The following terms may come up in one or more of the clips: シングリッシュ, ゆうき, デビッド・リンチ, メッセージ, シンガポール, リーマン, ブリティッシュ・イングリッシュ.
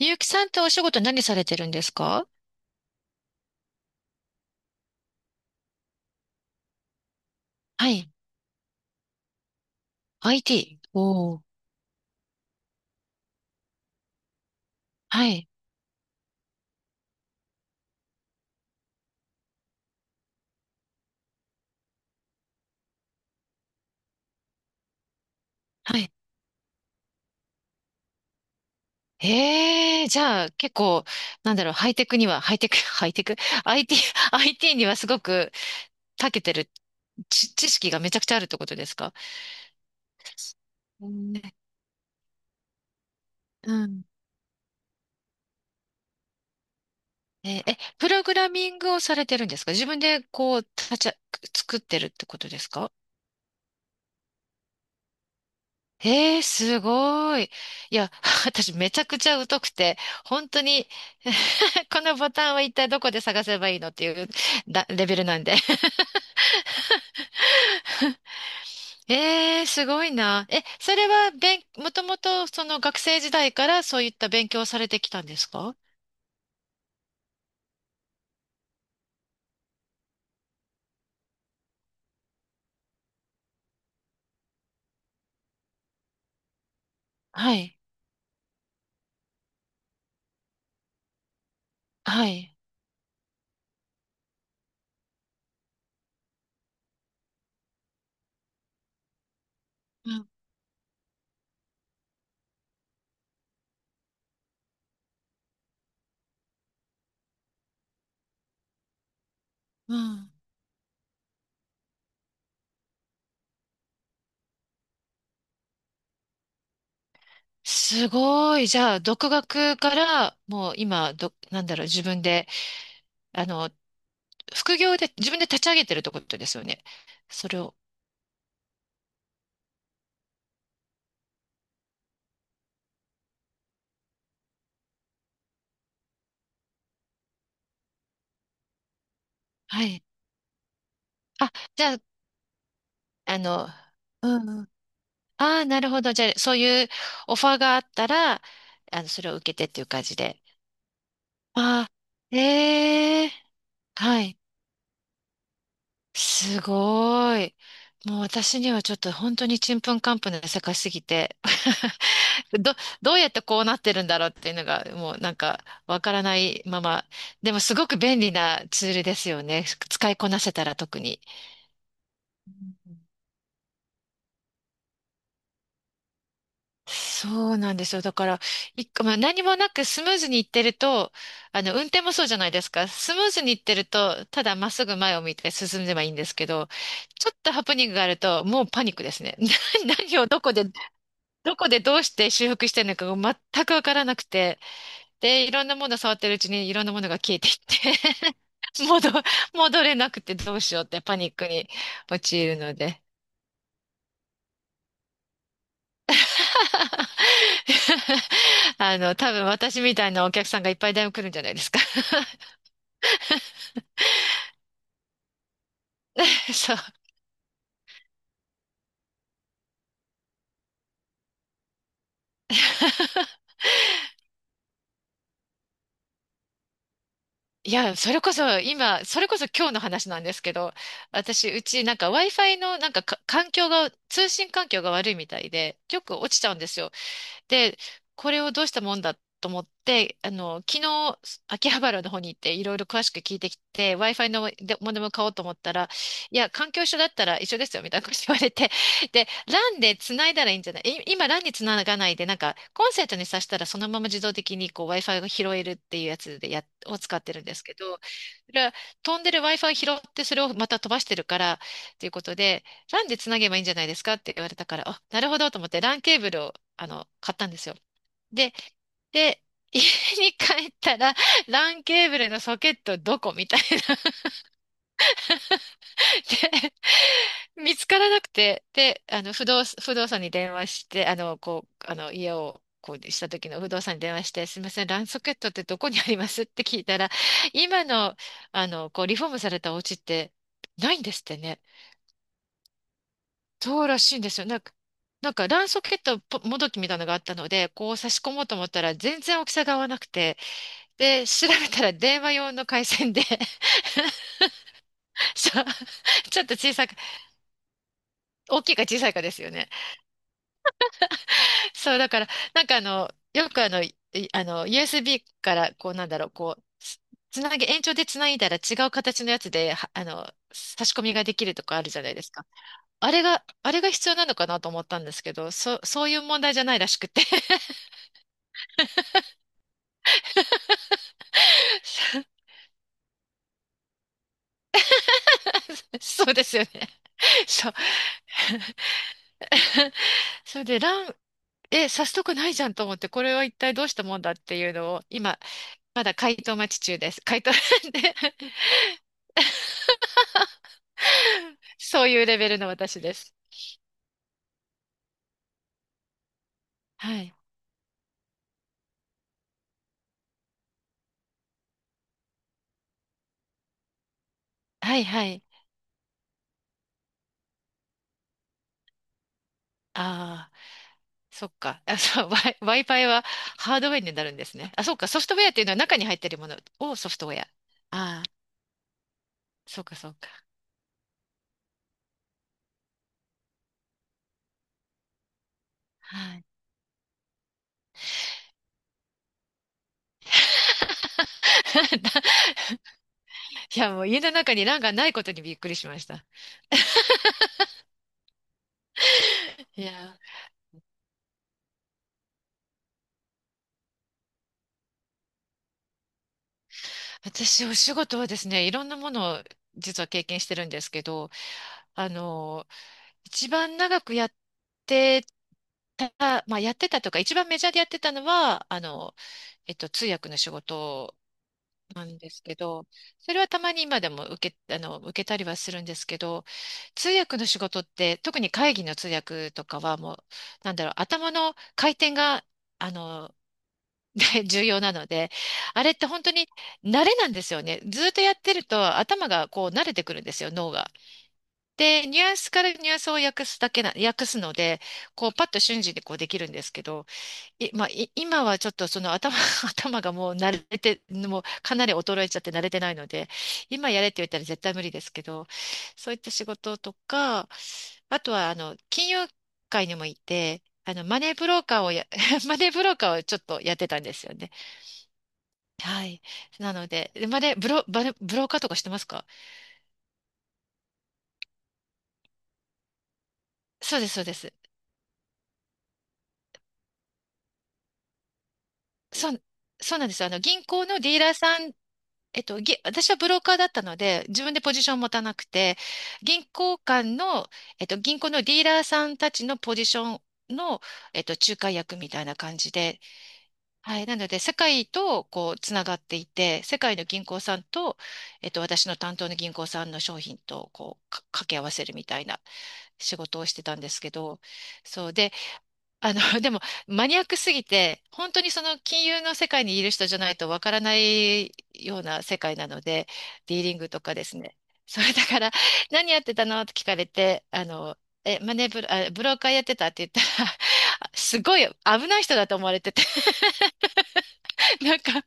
ゆうきさんってお仕事何されてるんですか？はい。IT。おー。はい。はい。ええー、じゃあ結構、なんだろう、ハイテクには、ハイテク、ハイテク、IT、IT にはすごく長けてる、知識がめちゃくちゃあるってことですか？うんね。うん。えー、え、プログラミングをされてるんですか？自分でこう、立ちゃ、作ってるってことですか？ええー、すごい。いや、私めちゃくちゃ疎くて、本当に。 このボタンは一体どこで探せばいいのっていうレベルなんで。ええー、すごいな。え、それは、もともとその学生時代からそういった勉強をされてきたんですか？はい。はい。うん。うん。すごい。じゃあ、独学からもう今、なんだろう、自分で、あの、副業で自分で立ち上げてるってことですよね。それを。はい。あ、じゃあ、あの、うんうん。ああ、なるほど。じゃあ、そういうオファーがあったら、あの、それを受けてっていう感じで。ああ、ええ、はい。すごい。もう私にはちょっと本当にちんぷんかんぷんな世界すぎて、ど、どうやってこうなってるんだろうっていうのが、もうなんかわからないまま。でもすごく便利なツールですよね。使いこなせたら特に。そうなんですよ。だから、一個、まあ、何もなくスムーズに行ってると、あの、運転もそうじゃないですか。スムーズに行ってると、ただまっすぐ前を見て進めばいいんですけど、ちょっとハプニングがあると、もうパニックですね。何をどこで、どこでどうして修復してるのかが全くわからなくて、で、いろんなもの触ってるうちにいろんなものが消えていって 戻れなくてどうしようってパニックに陥るので。あの、多分私みたいなお客さんがいっぱいだいぶ来るんじゃないですか。そう。いや、それこそ今、それこそ今日の話なんですけど、私、うちなんか Wi-Fi のなんか環境が、通信環境が悪いみたいで、よく落ちちゃうんですよ。で、これをどうしたもんだと思って、あの、昨日、秋葉原の方に行っていろいろ詳しく聞いてきて、Wi-Fi のでモデム買おうと思ったら、いや、環境一緒だったら一緒ですよ、みたいなこと言われて。で、LAN で繋いだらいいんじゃない、今 LAN に繋がないで、なんか、コンセントに挿したらそのまま自動的にこう Wi-Fi が拾えるっていうやつを使ってるんですけど、それは飛んでる Wi-Fi 拾ってそれをまた飛ばしてるから、ということで、ランで繋げばいいんじゃないですかって言われたから、あ、なるほどと思ってランケーブルをあの、買ったんですよ。で、で、家に帰ったら、LAN ケーブルのソケットどこみたいな。で、見つからなくて、で、あの、不動産に電話して、あの、こう、あの、家を、こうした時の不動産に電話して、すみません、ランソケットってどこにありますって聞いたら、今の、あの、こう、リフォームされたお家ってないんですってね。そうらしいんですよ。なんか、ランソケットもどきみたいなのがあったので、こう差し込もうと思ったら、全然大きさが合わなくて、で、調べたら電話用の回線で。 そう、ちょっと小さく、大きいか小さいかですよね。そう、だから、なんかあの、よくあの、いあの、USB から、こうこう、つなげ、延長でつないだら違う形のやつで、あの、差し込みができるとかあるじゃないですか。あれが必要なのかなと思ったんですけど、そういう問題じゃないらしくて。 そうですよね。そう。それで、え、さすとこないじゃんと思って、これは一体どうしたもんだっていうのを、今、まだ回答待ち中です。回答。 でそういうレベルの私です。はい。はいはい。ああ、そっか。あ、Wi-Fi はハードウェアになるんですね。あ、そっか。ソフトウェアっていうのは中に入ってるものをソフトウェア。ああ、そうかそうか。はい。いや、もう家の中に欄がないことにびっくりしました。いや、私、お仕事はですね、いろんなものを実は経験してるんですけど、あの、一番長くやってた、まあやってたとか、一番メジャーでやってたのは、あの、えっと、通訳の仕事なんですけど、それはたまに今でもあの、受けたりはするんですけど、通訳の仕事って、特に会議の通訳とかはもう、なんだろう、頭の回転が、あの、重要なので、あれって本当に慣れなんですよね。ずっとやってると頭がこう慣れてくるんですよ、脳が。で、ニュアンスからニュアンスを訳すだけな、訳すので、こう、パッと瞬時にこうできるんですけど、い、まあ、い今はちょっとその頭、頭がもう慣れて、もうかなり衰えちゃって慣れてないので、今やれって言ったら絶対無理ですけど、そういった仕事とか、あとは、あの、金融界にもいて、あの、マネーブローカーをや、マネーブローカーをちょっとやってたんですよね。はい。なので、マネーブロ、バレブローカーとかしてますか？そうです、そうです。そう、そうなんですよ。あの、銀行のディーラーさん、えっと、私はブローカーだったので、自分でポジションを持たなくて、銀行間の、えっと、銀行のディーラーさんたちのポジションの、えっと、仲介役みたいな感じで、はい。なので、世界と、こう、つながっていて、世界の銀行さんと、えっと、私の担当の銀行さんの商品と、こう、掛け合わせるみたいな仕事をしてたんですけど、そう。あの、でも、マニアックすぎて、本当にその金融の世界にいる人じゃないとわからないような世界なので、ディーリングとかですね。それだから、何やってたのって聞かれて、あの、え、マネーブロ、あ、ブローカーやってたって言ったら、すごい危ない人だと思われてて、なんか、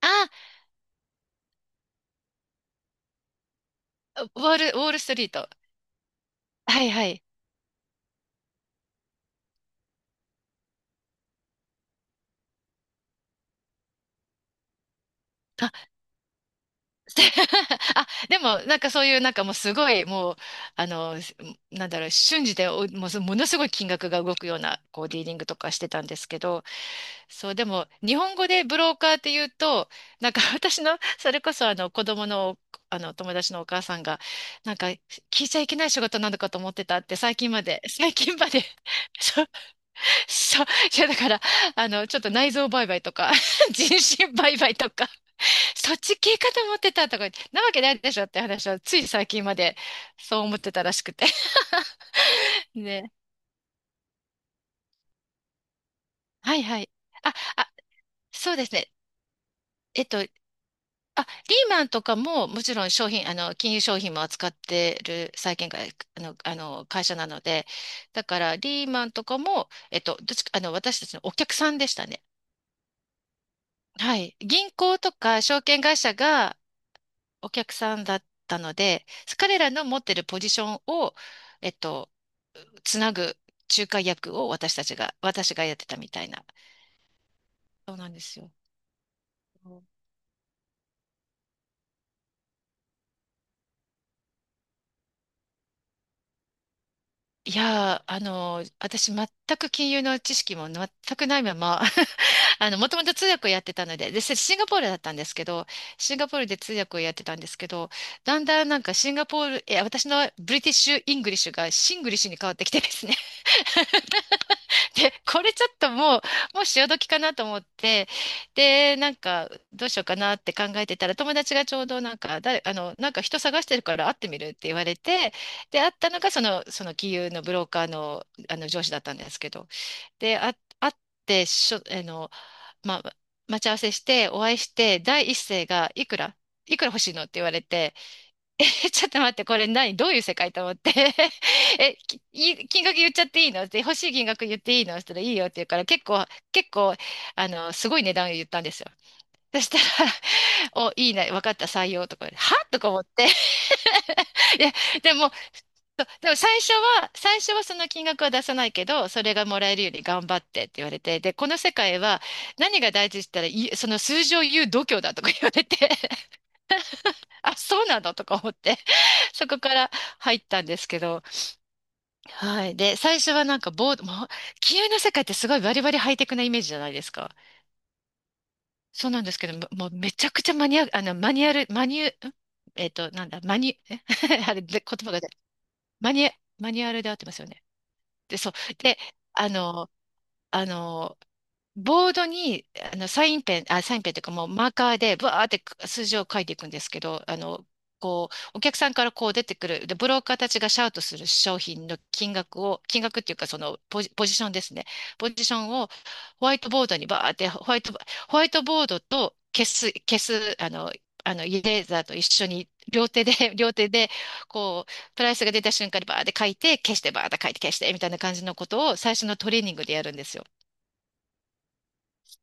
あ、ウォールストリート。はいはい。あ、でも、なんかそういう、なんかもうすごい、もう、あの、なんだろう、瞬時で、おもうそものすごい金額が動くような、こう、ディーリングとかしてたんですけど、そう、でも、日本語でブローカーって言うと、なんか私の、それこそ、子供の、友達のお母さんが、なんか、聞いちゃいけない仕事なのかと思ってたって、最近まで、最近まで そうそう、いやだから、ちょっと内臓売買とか、人身売買とか、そっち系かと思ってたとか言って、なわけないでしょって話は、つい最近までそう思ってたらしくて。ね。はいはい。あ、あ、そうですね。えっと、あ、リーマンとかも、もちろん商品、あの、金融商品も扱ってる債券会、あの、あの、会社なので、だから、リーマンとかも、どっちか、私たちのお客さんでしたね。はい。銀行とか証券会社が、お客さんだったので、彼らの持ってるポジションを、えっと、つなぐ仲介役を私がやってたみたいな。そうなんですよ。いやー、私全く金融の知識も全くないまま、もともと通訳をやってたので、で、シンガポールだったんですけど、シンガポールで通訳をやってたんですけど、だんだんなんかシンガポール、え、私のブリティッシュ・イングリッシュがシングリッシュに変わってきてですね。で、これちょっともう潮時かなと思って、で、なんか、どうしようかなって考えてたら、友達がちょうどなんか、誰、あの、なんか人探してるから会ってみるって言われて、で、会ったのがその金融のブローカーの、上司だったんですけど、で、あ、会って、しょ、あの、まあ、待ち合わせして、お会いして、第一声が、いくら欲しいのって言われて、え、ちょっと待って、これ何どういう世界と思って。きい金額言っちゃっていいのって欲しい金額言っていいのしたらいいよって言うから、結構、すごい値段を言ったんですよ。そしたら、お、いいね、分かった、採用とか言って、はとか思って。いや、でも、そうでも最初はその金額は出さないけど、それがもらえるように頑張ってって言われて、で、この世界は何が大事って言ったら、いその数字を言う度胸だとか言われて、あ、そうなのとか思って、そこから入ったんですけど、はい。で、最初はなんかボード、もう、金融の世界ってすごいバリバリハイテクなイメージじゃないですか。そうなんですけど、ももうめちゃくちゃマニュアル、マニュ、んえっと、なんだ、マニュ、あれ、で言葉が出ない、マニュ、マニュアルで合ってますよね。で、そう。で、あの、あの、ボードに、サインペンというかもうマーカーで、ブワーって数字を書いていくんですけど、こう、お客さんからこう出てくる、で、ブローカーたちがシャウトする商品の金額を、金額っていうかそのポジションですね。ポジションをホワイトボードにバーって、ホワイトボードと消す、イレーザーと一緒に両手で、両手で、こう、プライスが出た瞬間にバーって書いて、消して、バーって書いて、消して、みたいな感じのことを最初のトレーニングでやるんですよ。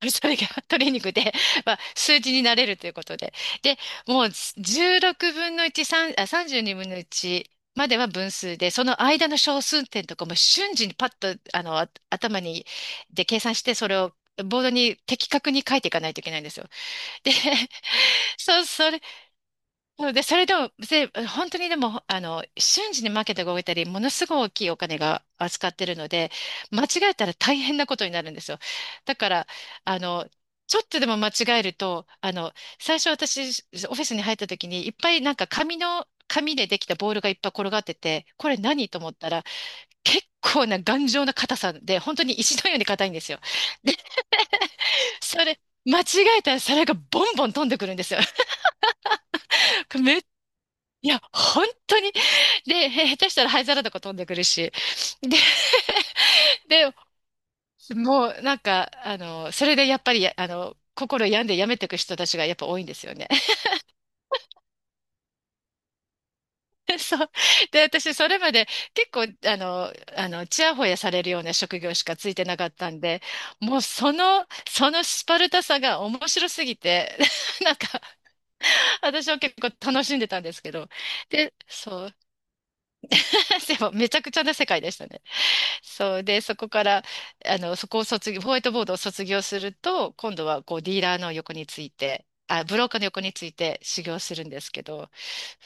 それがトレーニングで、まあ、数字になれるということで。で、もう16分の1、3、あ、32分の1までは分数で、その間の小数点とかも瞬時にパッと、頭に、で計算して、それをボードに的確に書いていかないといけないんですよ。で、そう、そそうで、それでも、で本当にでも、瞬時にマーケットが動いたり、ものすごい大きいお金が扱ってるので、間違えたら大変なことになるんですよ。だから、あの、ちょっとでも間違えると、最初私、オフィスに入った時に、いっぱいなんか紙でできたボールがいっぱい転がってて、これ何と思ったら、結構な頑丈な硬さで、本当に石のように硬いんですよ。で、それ、間違えたら皿がボンボン飛んでくるんですよ。め、いや、本当にで、へ下手したら灰皿とか飛んでくるし。で、で、もうなんか、それでやっぱり、心病んでやめていく人たちがやっぱ多いんですよね。そう。で、私、それまで結構、ちやほやされるような職業しかついてなかったんで、もうそのスパルタさが面白すぎて、なんか、私は結構楽しんでたんですけど、で、そう。でも、めちゃくちゃな世界でしたね。そうで、そこから、そこを卒業、ホワイトボードを卒業すると、今度はこうディーラーの横について、ブローカーの横について修行するんですけど、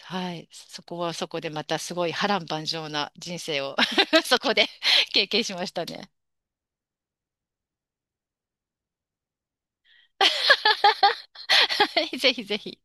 はい、そこはそこでまたすごい波乱万丈な人生を そこで経験しましたね。はい、ぜひぜひ。